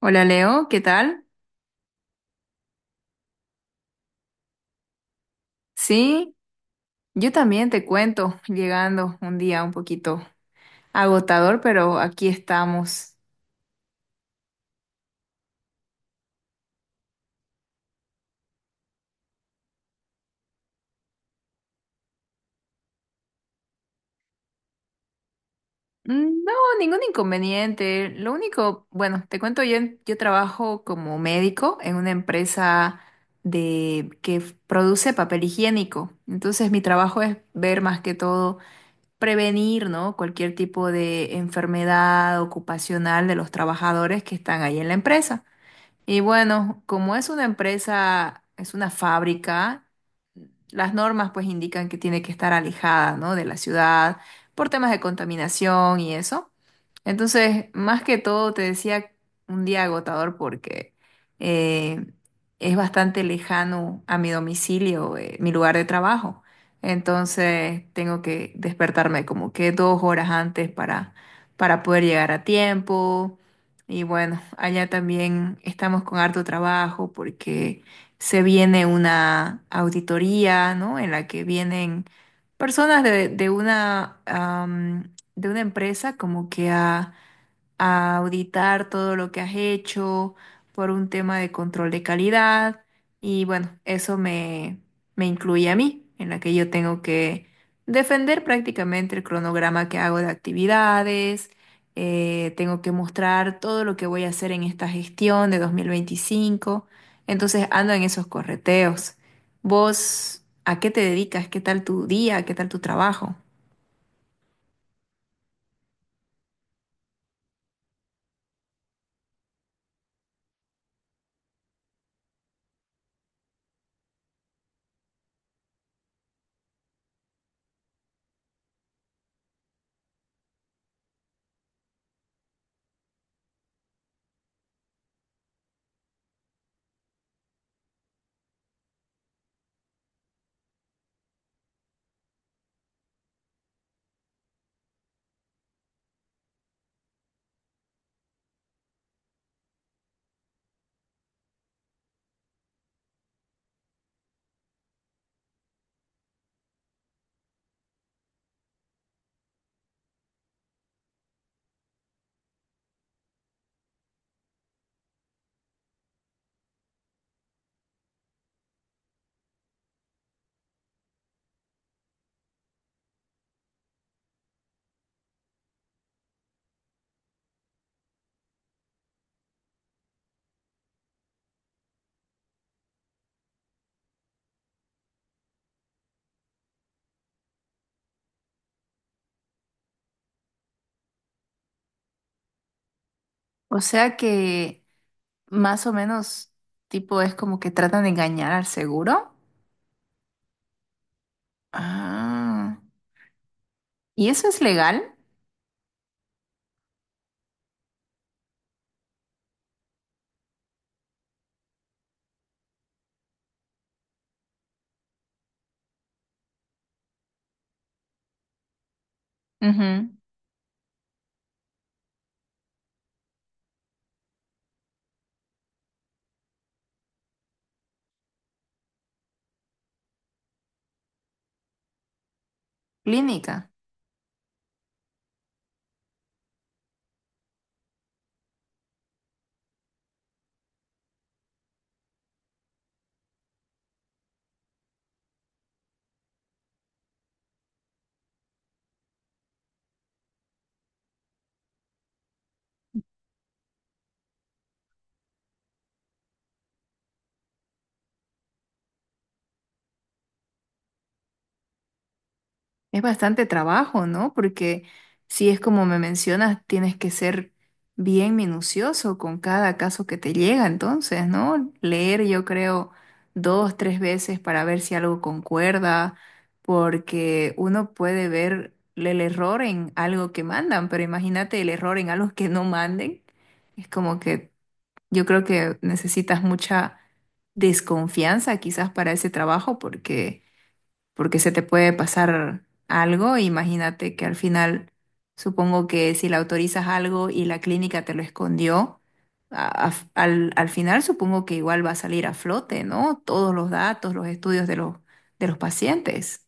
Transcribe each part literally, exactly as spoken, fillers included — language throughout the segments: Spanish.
Hola Leo, ¿qué tal? Sí, yo también te cuento, llegando un día un poquito agotador, pero aquí estamos. Mm, No, ningún inconveniente. Lo único, bueno, te cuento, yo, en- yo trabajo como médico en una empresa de, que f- produce papel higiénico. Entonces mi trabajo es ver más que todo, prevenir, ¿no? Cualquier tipo de enfermedad ocupacional de los trabajadores que están ahí en la empresa. Y bueno, como es una empresa, es una fábrica, las normas pues indican que tiene que estar alejada, ¿no?, de la ciudad por temas de contaminación y eso. Entonces, más que todo, te decía un día agotador porque eh, es bastante lejano a mi domicilio, eh, mi lugar de trabajo. Entonces, tengo que despertarme como que dos horas antes para, para poder llegar a tiempo y bueno, allá también estamos con harto trabajo porque se viene una auditoría, ¿no? En la que vienen personas de, de una, am, de una empresa como que a a auditar todo lo que has hecho por un tema de control de calidad y bueno, eso me, me incluye a mí, en la que yo tengo que defender prácticamente el cronograma que hago de actividades, eh, tengo que mostrar todo lo que voy a hacer en esta gestión de dos mil veinticinco, entonces ando en esos correteos. ¿Vos a qué te dedicas? ¿Qué tal tu día? ¿Qué tal tu trabajo? O sea que... Más o menos, tipo, es como que tratan de engañar al seguro. Ah, ¿y eso es legal? Ujú. Clínica. Es bastante trabajo, ¿no? Porque si es como me mencionas, tienes que ser bien minucioso con cada caso que te llega, entonces, ¿no? Leer, yo creo, dos, tres veces para ver si algo concuerda, porque uno puede ver el error en algo que mandan, pero imagínate el error en algo que no manden. Es como que yo creo que necesitas mucha desconfianza quizás para ese trabajo, porque porque se te puede pasar algo. Imagínate que al final, supongo que si le autorizas algo y la clínica te lo escondió, a- a- al, al final supongo que igual va a salir a flote, ¿no? Todos los datos, los estudios de los, de los pacientes.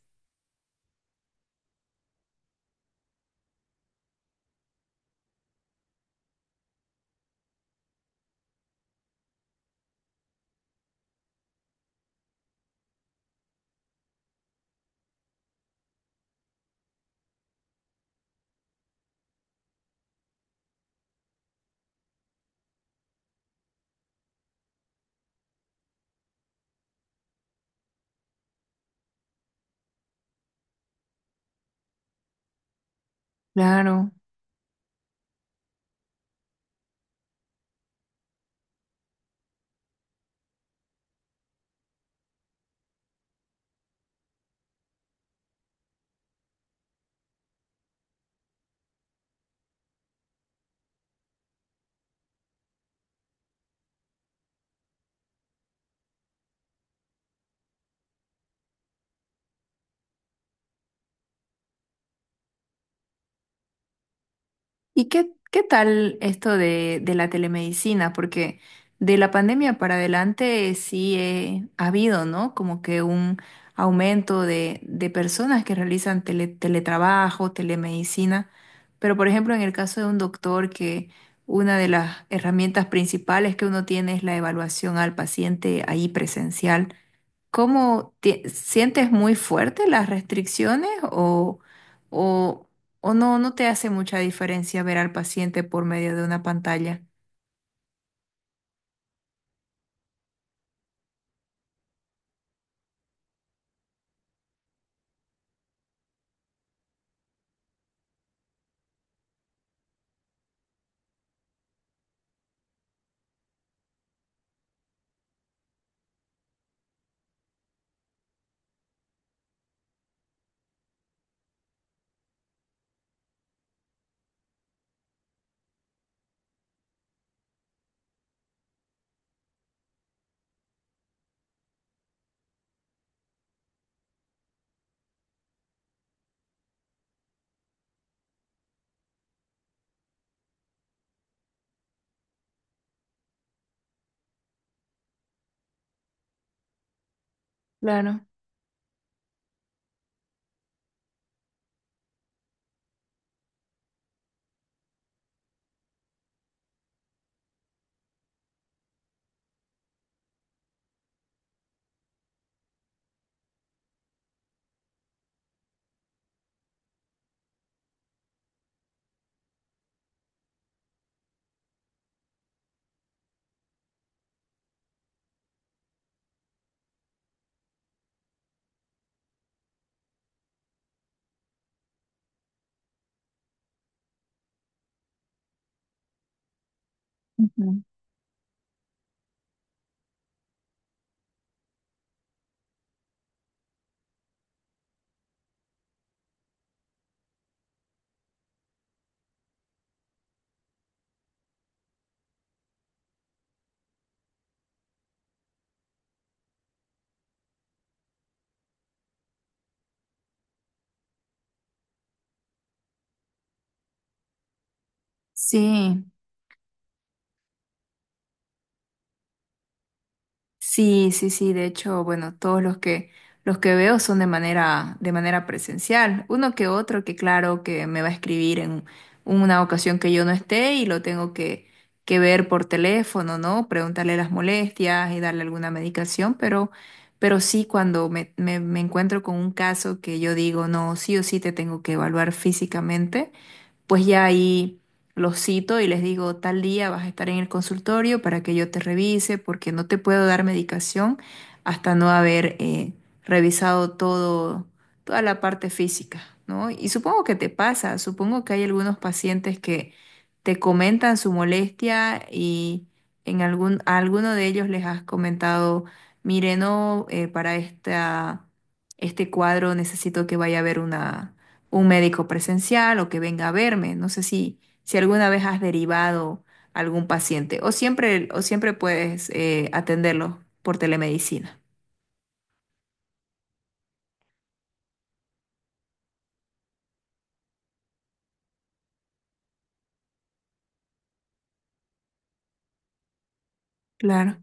Claro. ¿Y qué, qué tal esto de, de la telemedicina? Porque de la pandemia para adelante sí eh, ha habido, ¿no? Como que un aumento de, de personas que realizan tele- teletrabajo, telemedicina. Pero, por ejemplo, en el caso de un doctor, que una de las herramientas principales que uno tiene es la evaluación al paciente ahí presencial. ¿Cómo ti- sientes muy fuerte las restricciones o, o, o no, no te hace mucha diferencia ver al paciente por medio de una pantalla? Claro. Ujú. Sí. Sí, sí, sí, de hecho, bueno, todos los que los que veo son de manera de manera presencial. Uno que otro que claro que me va a escribir en una ocasión que yo no esté y lo tengo que que ver por teléfono, ¿no? Preguntarle las molestias y darle alguna medicación, pero pero sí cuando me me, me encuentro con un caso que yo digo, no, sí o sí te tengo que evaluar físicamente pues ya ahí los cito y les digo, tal día vas a estar en el consultorio para que yo te revise, porque no te puedo dar medicación hasta no haber eh, revisado todo, toda la parte física, ¿no? Y supongo que te pasa, supongo que hay algunos pacientes que te comentan su molestia y en algún, a alguno de ellos les has comentado, mire, no, eh, para esta, este cuadro necesito que vaya a ver una un médico presencial o que venga a verme. No sé si, si alguna vez has derivado algún paciente o siempre, o siempre puedes eh, atenderlo por telemedicina. Claro.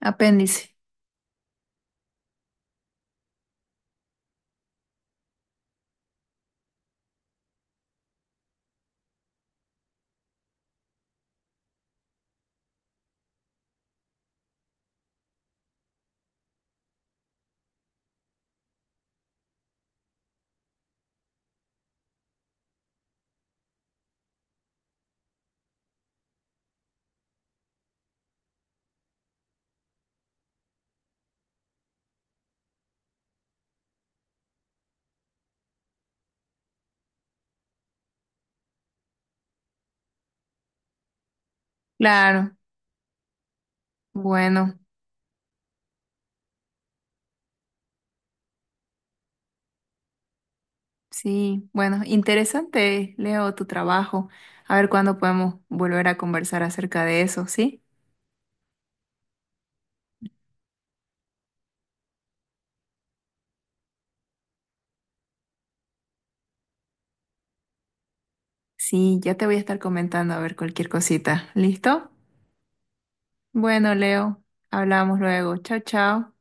Apéndice. Claro. Bueno, sí. Bueno, interesante, Leo, tu trabajo. A ver cuándo podemos volver a conversar acerca de eso, ¿sí? Sí, ya te voy a estar comentando a ver cualquier cosita. ¿Listo? Bueno, Leo, hablamos luego. Chao, chao.